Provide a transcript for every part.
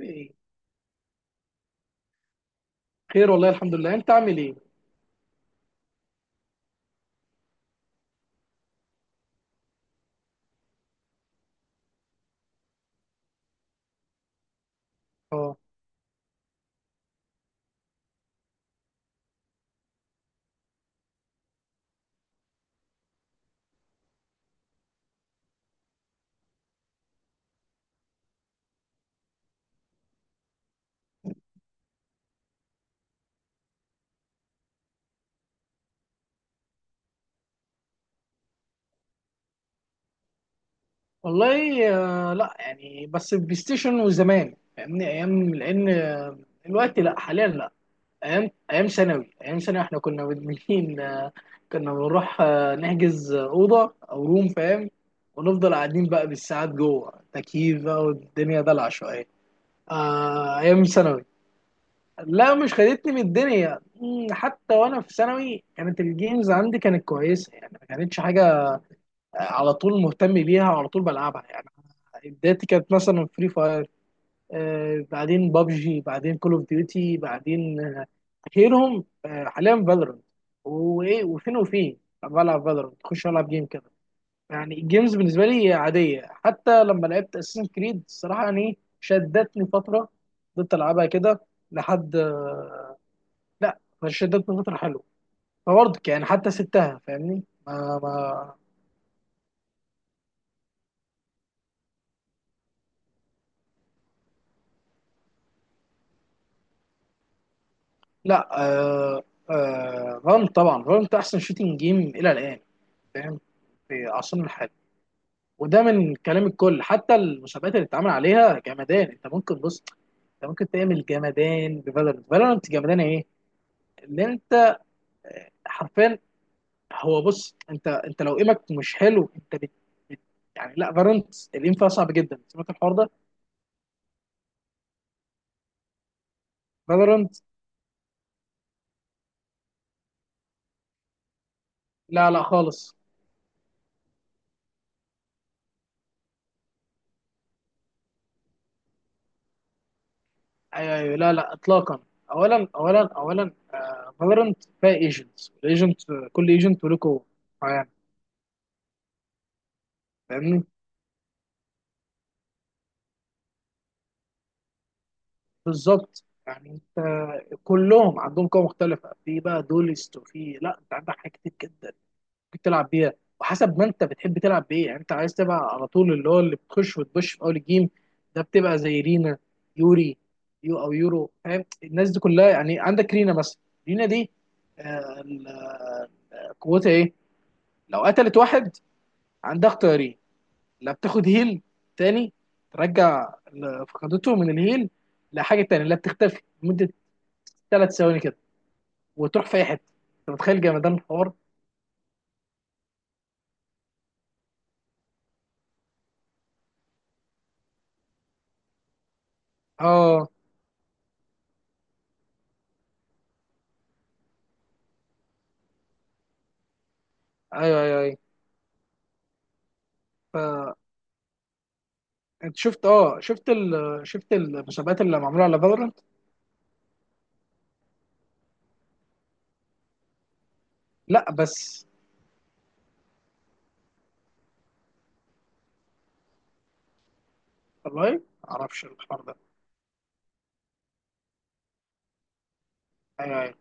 ايه. خير والله، الحمد لله. انت عامل ايه؟ اه. والله. لا يعني، بس البلاي ستيشن. وزمان فاهمني، ايام لان، دلوقتي لا، حاليا لا. ايام ثانوي، ايام ثانوي احنا كنا مدمنين. كنا بنروح نحجز اوضه او روم، فاهم؟ ونفضل قاعدين بقى بالساعات جوه تكييف بقى، والدنيا دلع شويه. آه، ايام ثانوي. لا، مش خدتني من الدنيا، حتى وانا في ثانوي كانت الجيمز عندي كانت كويسه. يعني ما كانتش حاجه على طول مهتم بيها وعلى طول بلعبها يعني. بدايتي كانت مثلا فري فاير، بعدين بابجي، بعدين كول اوف ديوتي، بعدين اخيرهم حاليا فالورنت. وايه، وفين وفين. بلعب فالورنت، اخش العب جيم كده. يعني الجيمز بالنسبه لي عاديه. حتى لما لعبت اساسن كريد الصراحه يعني شدتني فتره، فضلت العبها كده لحد لا، فشدتني فتره حلوه. فبرضك يعني حتى سبتها فاهمني ما. لا، فالنت طبعا، فالنت احسن شوتنج جيم الى الان، فاهم؟ في عصرنا الحالي. وده من كلام الكل، حتى المسابقات اللي اتعمل عليها جمدان. انت ممكن بص، انت ممكن تعمل جمدان بفالورانت. فالورانت جمدان ايه اللي انت، حرفيا. هو بص، انت لو ايمك مش حلو انت بت. بت- يعني لا، فالورانت الايم فيها صعب جدا، سمعت الحوار ده؟ فالورانت. لا لا، خالص. ايوه، ايوه، لا لا، اطلاقا. اولا، فالورنت فيها ايجنتس، الايجنت كل ايجنت وله قوه معينه، فاهمني؟ بالظبط. يعني انت كلهم عندهم قوه مختلفه، في بقى دولست، وفي لا، انت عندك حاجات كتير جدا ممكن تلعب بيها، وحسب ما انت بتحب تلعب بايه. يعني انت عايز تبقى على طول اللي هو اللي بتخش وتبش في اول الجيم، ده بتبقى زي رينا، يوري، يو او يورو، فاهم الناس دي كلها؟ يعني عندك رينا مثلا، رينا دي، آه، ال- قوتها ايه؟ لو قتلت واحد، عندها اختيارين. لا، بتاخد هيل تاني، ترجع اللي فقدته من الهيل. لحاجه تانية، لا، بتختفي لمده 3 ثواني كده، وتروح في اي حته. انت متخيل جمدان الحوار؟ اه، ايوه، ايوه، ايوه. فانت شفت، شفت المسابقات اللي معموله على فالورانت؟ لا، بس والله ما اعرفش الحوار ده. ايوه، أيوه.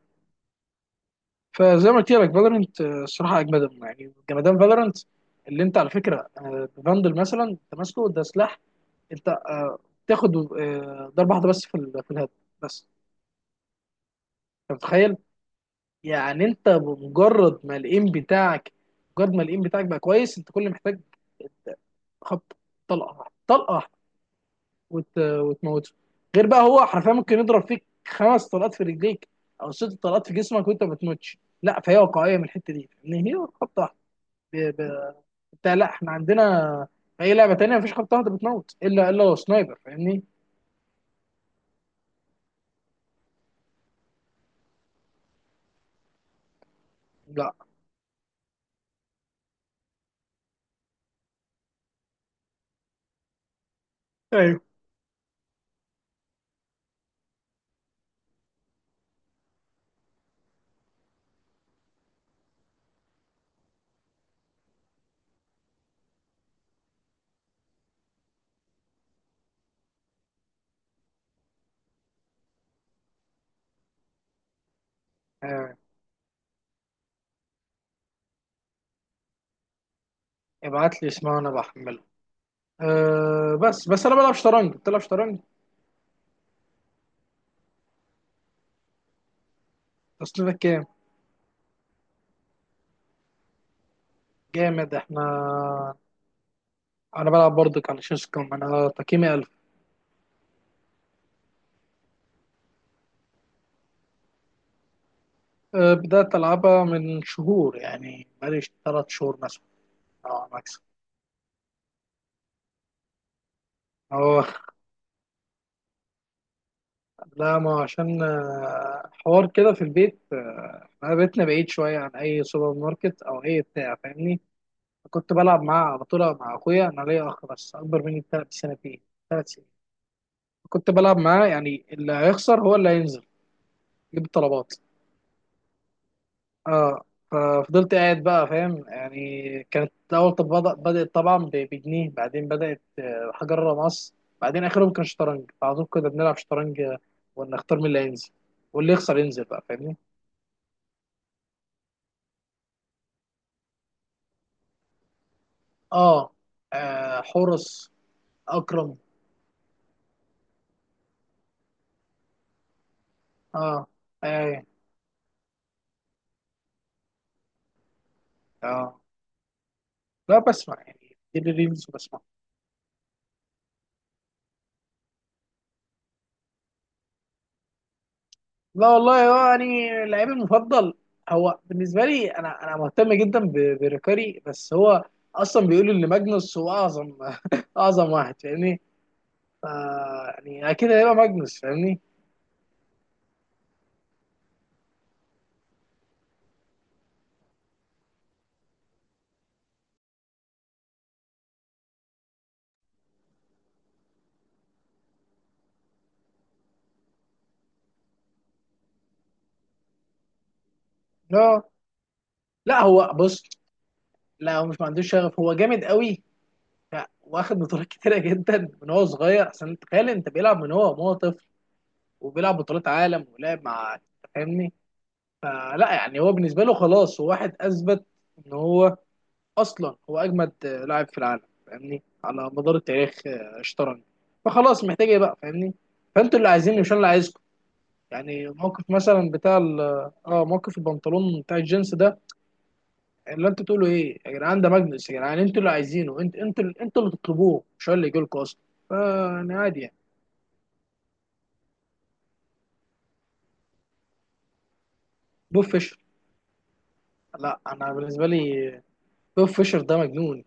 فزي ما قلت لك، فالورنت الصراحه اجمدهم، يعني جمدان فالورنت. اللي انت على فكره، فاندل مثلا، انت ماسكه ده سلاح، انت تاخد ضربه واحده بس في الهيد، بس. انت متخيل؟ يعني انت بمجرد ما الايم بتاعك، مجرد ما الايم بتاعك بقى كويس، انت كل اللي محتاج خبط، طلقه واحده، طلقه واحده، وتموته. غير بقى، هو حرفيا ممكن يضرب فيك خمس طلقات في رجليك، او ست طلقات في جسمك وانت ما بتموتش. لا، فهي واقعيه من الحته دي ان هي خبطه واحده. ده لا، احنا عندنا اي لعبه تانية مفيش خط واحده بتموت الا سنايبر، فاهمني؟ لا، ايوه، آه. ابعت لي اسمها وانا بحمله. آه. بس انا بلعب شطرنج، بتلعب شطرنج؟ تصنيفك كام؟ جامد. احنا، انا بلعب برضك على شيس كوم، انا تقييمي 1000. أه، بدات العبها من شهور، يعني بقالي 3 شهور مثلا. اه، ماكس. اه، لا ما عشان حوار كده في البيت، انا بيتنا بعيد شويه عن اي سوبر ماركت او اي بتاع، فاهمني؟ كنت بلعب مع بطولة، مع أخويا. أنا ليا أخ بس أكبر مني ب3 سنتين، 3 سنين. كنت بلعب معاه، يعني اللي هيخسر هو اللي هينزل يجيب الطلبات. اه. ففضلت قاعد بقى، فاهم يعني. كانت أول، طب بدأت طبعا بجنيه، بعدين بدأت حجر مصر، بعدين آخرهم كان شطرنج. على طول كنا بنلعب شطرنج، ونختار مين اللي هينزل، واللي يخسر ينزل بقى، فاهمني؟ اه. حورس أكرم. اه. اي. اه، لا بسمع يعني، دي الريلز بسمع. لا والله، هو يعني لعيبي المفضل هو بالنسبه لي، انا مهتم جدا بريكاري، بس هو اصلا بيقولوا ان ماجنوس هو اعظم اعظم واحد فاهمني. ف- يعني اكيد هيبقى ماجنوس، فاهمني. لا لا، هو بص، لا هو مش ما عندوش شغف، هو جامد قوي. ف- واخد بطولات كتيره جدا من هو صغير، احسن تخيل انت، بيلعب من هو وهو طفل، وبيلعب بطولات عالم، ولعب مع، فاهمني. فلا يعني، هو بالنسبه له خلاص، هو واحد اثبت ان هو اصلا هو اجمد لاعب في العالم فاهمني، على مدار التاريخ اشترك. فخلاص، محتاج ايه بقى فاهمني. فانتوا اللي عايزيني، مش انا اللي عايزكم. يعني موقف مثلا بتاع اه، موقف البنطلون بتاع الجينز ده، اللي انتوا تقولوا ايه يا جدعان، ده ماجنس يا جدعان، انتوا اللي عايزينه. انتوا اللي تطلبوه، مش هو اللي يجي لكم اصلا. فانا عادي يعني. بوب فيشر. لا انا بالنسبه لي، بوب فيشر ده مجنون.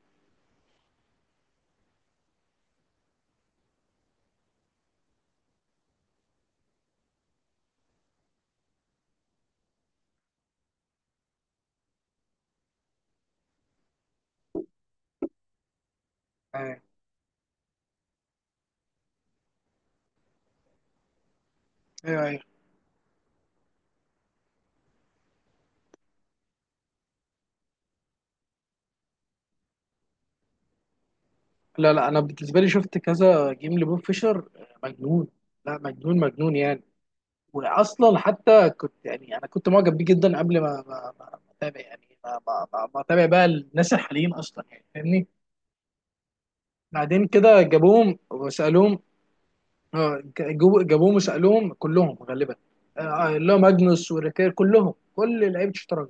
ايوه، ايوه، أيوة. لا لا، انا بالنسبه لي شفت كذا جيم لبوب فيشر، مجنون. لا، مجنون مجنون يعني. واصلا حتى كنت، يعني انا كنت معجب بيه جدا قبل ما ما ما ما اتابع، يعني ما اتابع بقى الناس الحاليين اصلا يعني فاهمني. بعدين كده جابوهم وسالوهم، اه جابوهم وسالوهم كلهم غالبا، اللي هو ماجنوس وريكير كلهم، كل لعيبه الشطرنج،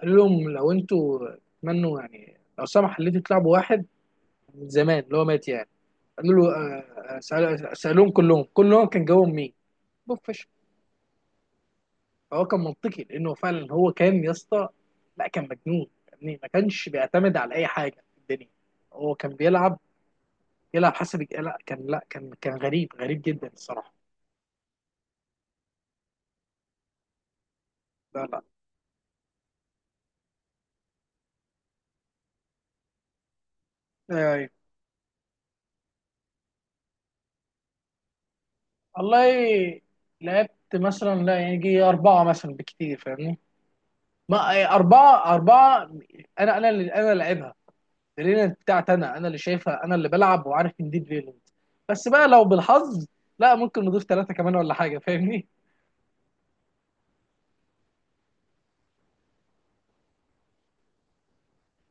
قالوا لهم لو انتوا تمنوا يعني، لو سمح اللي انتوا تلعبوا واحد من زمان اللي هو مات يعني، قالوا له سالوهم كلهم كان جاوبهم مين؟ بوف. فهو كان منطقي، لانه فعلا هو كان يا اسطى، لا كان مجنون يعني، ما كانش بيعتمد على اي حاجه في الدنيا. هو كان بيلعب يلعب حسب لا كان، لا كان غريب غريب جدا الصراحه. لا لا، أي. والله، لعبت مثلا لا يجي اربعه مثلا بكتير، فاهمني. ما، أي، اربعه، اربعه، انا اللي انا لعبها. الريلنت بتاعتي انا اللي شايفها، انا اللي بلعب وعارف ان دي الريلنت، بس بقى لو بالحظ، لا، ممكن نضيف ثلاثه كمان ولا حاجه، فاهمني.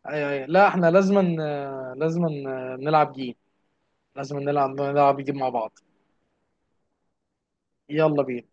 ايوه، ايوه، لا احنا لازما، لازما نلعب جيم، لازما نلعب جيم مع بعض. يلا بينا.